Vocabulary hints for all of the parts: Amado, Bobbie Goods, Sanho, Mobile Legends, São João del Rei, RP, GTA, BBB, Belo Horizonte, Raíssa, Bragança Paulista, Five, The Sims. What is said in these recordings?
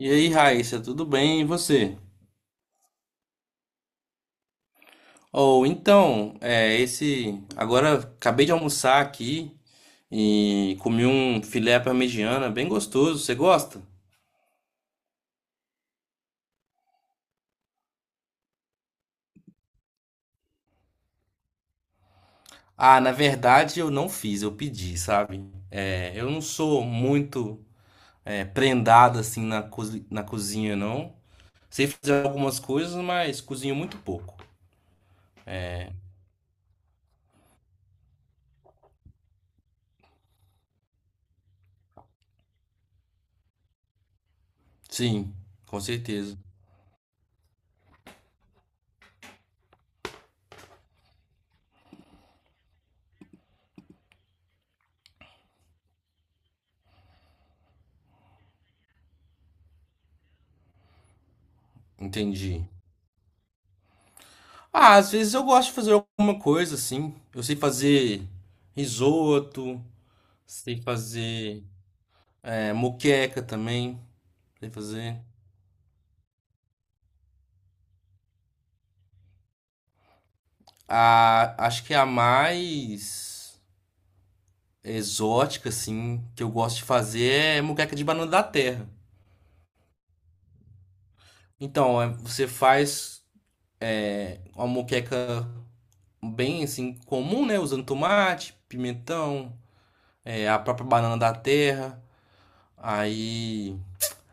E aí, Raíssa, tudo bem? E você? Ou então, é, esse. agora acabei de almoçar aqui e comi um filé à parmegiana bem gostoso. Você gosta? Ah, na verdade eu não fiz, eu pedi, sabe? Eu não sou muito prendado assim na cozinha, não. Sei fazer algumas coisas, mas cozinho muito pouco. Sim, com certeza. Entendi. Ah, às vezes eu gosto de fazer alguma coisa assim. Eu sei fazer risoto, sei fazer moqueca também, sei fazer. Acho que a mais exótica assim que eu gosto de fazer é moqueca de banana da terra. Então, você faz uma moqueca bem assim comum, né, usando tomate, pimentão, é, a própria banana da terra. Aí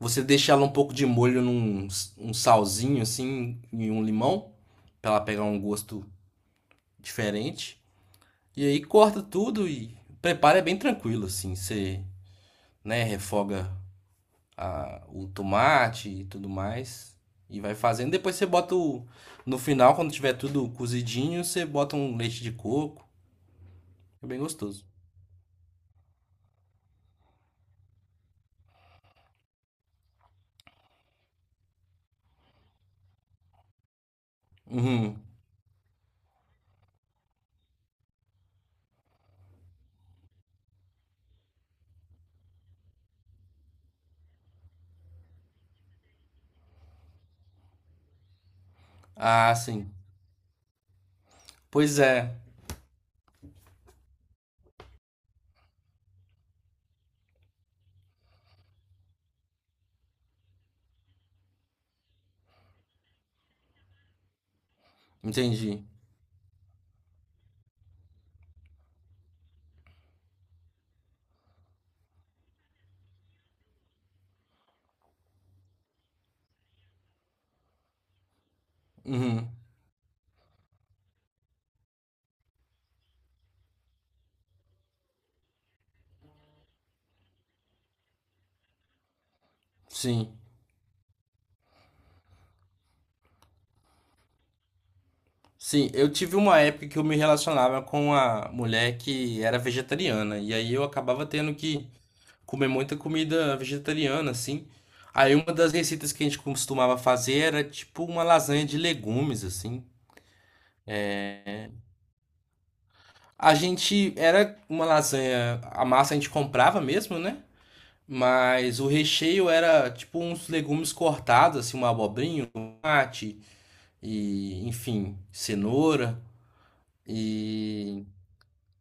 você deixa ela um pouco de molho num um salzinho assim e um limão, pra ela pegar um gosto diferente. E aí corta tudo e prepara é bem tranquilo assim, você, né, refoga o tomate e tudo mais e vai fazendo. Depois você bota o, no final, quando tiver tudo cozidinho, você bota um leite de coco. É bem gostoso. Uhum. Ah, sim. Pois é. Entendi. Uhum. Sim. Sim, eu tive uma época que eu me relacionava com uma mulher que era vegetariana, e aí eu acabava tendo que comer muita comida vegetariana, assim. Aí uma das receitas que a gente costumava fazer era tipo uma lasanha de legumes, assim. A gente era uma lasanha, a massa a gente comprava mesmo, né? Mas o recheio era tipo uns legumes cortados, assim, uma abobrinha, um tomate e, enfim, cenoura. E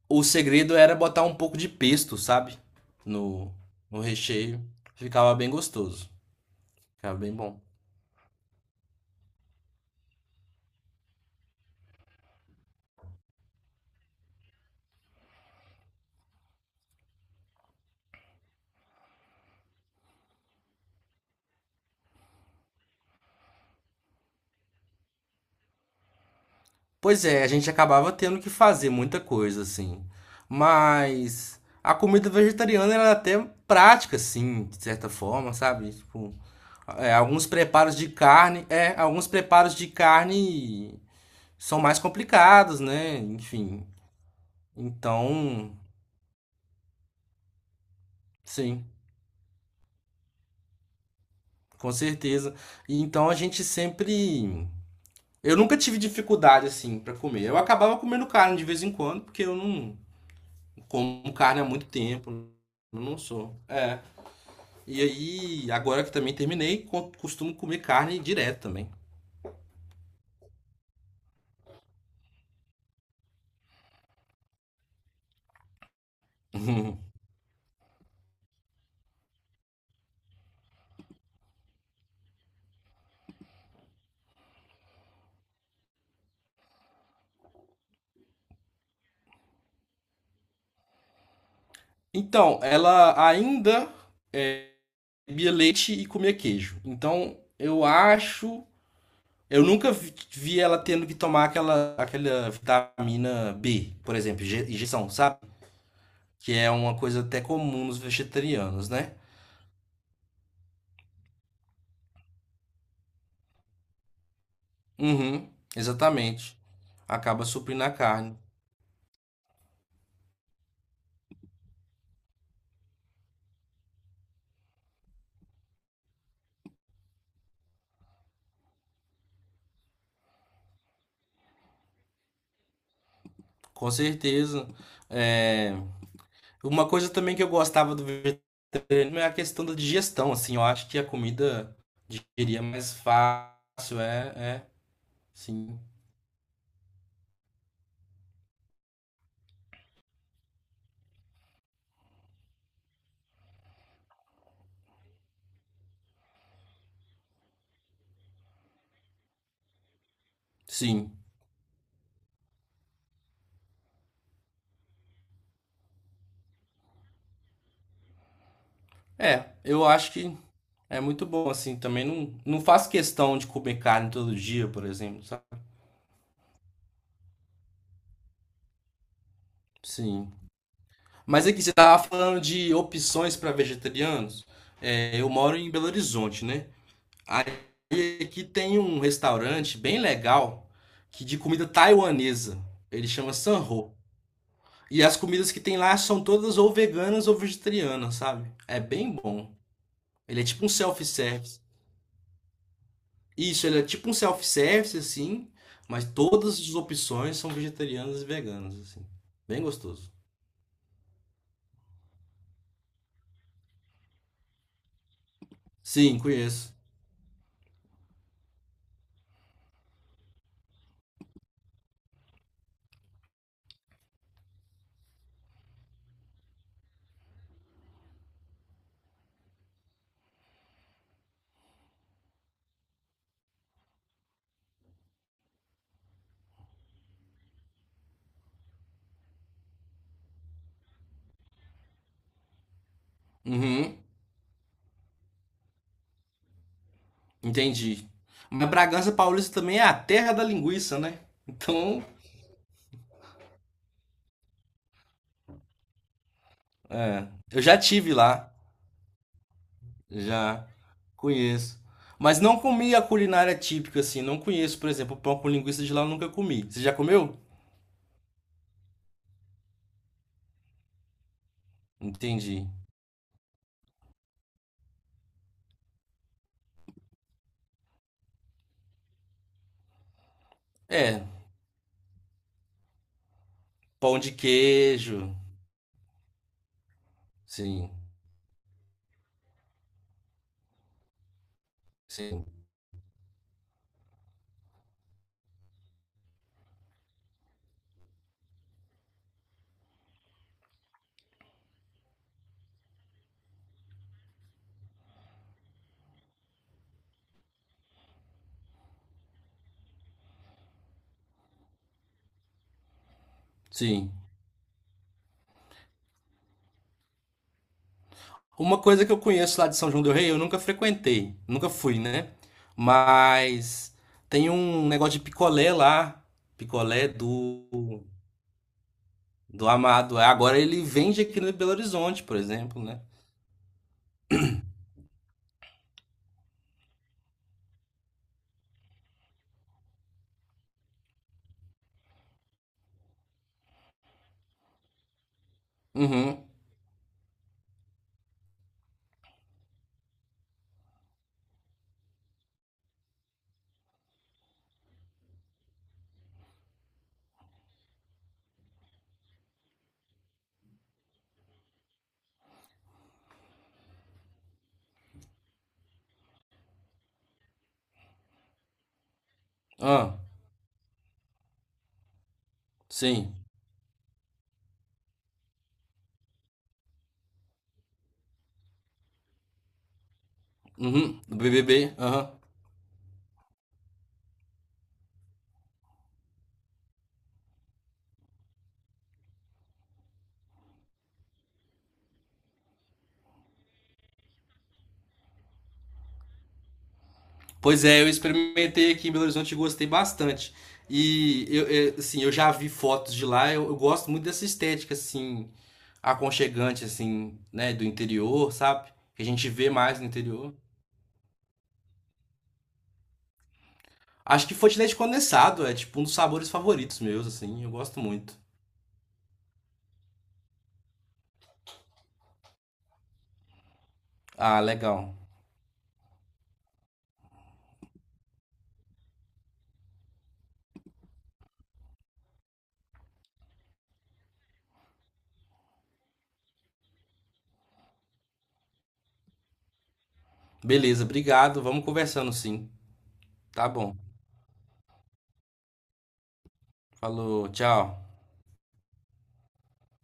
o segredo era botar um pouco de pesto, sabe? No, no recheio. Ficava bem gostoso. Ficava bem bom. Pois é, a gente acabava tendo que fazer muita coisa, assim. Mas a comida vegetariana era até prática, assim, de certa forma, sabe? Tipo, alguns preparos de carne são mais complicados, né? Enfim. Então, sim, com certeza. E então a gente sempre eu nunca tive dificuldade assim pra comer. Eu acabava comendo carne de vez em quando, porque eu não como carne há muito tempo. Eu não sou. É. E aí, agora que também terminei, costumo comer carne direto também. Então, ela ainda é, bebia leite e comia queijo. Então, eu acho. Eu nunca vi ela tendo que tomar aquela vitamina B, por exemplo, injeção, sabe? Que é uma coisa até comum nos vegetarianos, né? Uhum, exatamente. Acaba suprindo a carne. Com certeza. É, uma coisa também que eu gostava do vegetariano é a questão da digestão, assim. Eu acho que a comida digeria mais fácil. É, é, sim. Sim. É, eu acho que é muito bom, assim. Também não faço questão de comer carne todo dia, por exemplo, sabe? Sim. Mas aqui, você tava falando de opções para vegetarianos. É, eu moro em Belo Horizonte, né? Aí aqui tem um restaurante bem legal que de comida taiwanesa. Ele chama Sanho. E as comidas que tem lá são todas ou veganas ou vegetarianas, sabe? É bem bom. Ele é tipo um self-service. Isso, ele é tipo um self-service, assim, mas todas as opções são vegetarianas e veganas, assim. Bem gostoso. Sim, conheço. Uhum, entendi. Mas Bragança Paulista também é a terra da linguiça, né? Então, é. Eu já tive lá. Já conheço. Mas não comi a culinária típica assim, não conheço, por exemplo, pão com linguiça de lá eu nunca comi. Você já comeu? Entendi. É, pão de queijo. Sim, sim, sim. Uma coisa que eu conheço lá de São João del Rei, eu nunca frequentei, nunca fui, né? Mas tem um negócio de picolé lá, picolé do Amado. Agora ele vende aqui no Belo Horizonte, por exemplo, né? Uhum. Ah, sim. Uhum, do BBB, aham. Pois é, eu experimentei aqui em Belo Horizonte e gostei bastante. Eu, assim, eu já vi fotos de lá, eu gosto muito dessa estética assim, aconchegante assim, né, do interior, sabe? Que a gente vê mais no interior. Acho que fonte de leite condensado é tipo um dos sabores favoritos meus, assim, eu gosto muito. Ah, legal. Beleza, obrigado. Vamos conversando sim. Tá bom. Falou, tchau.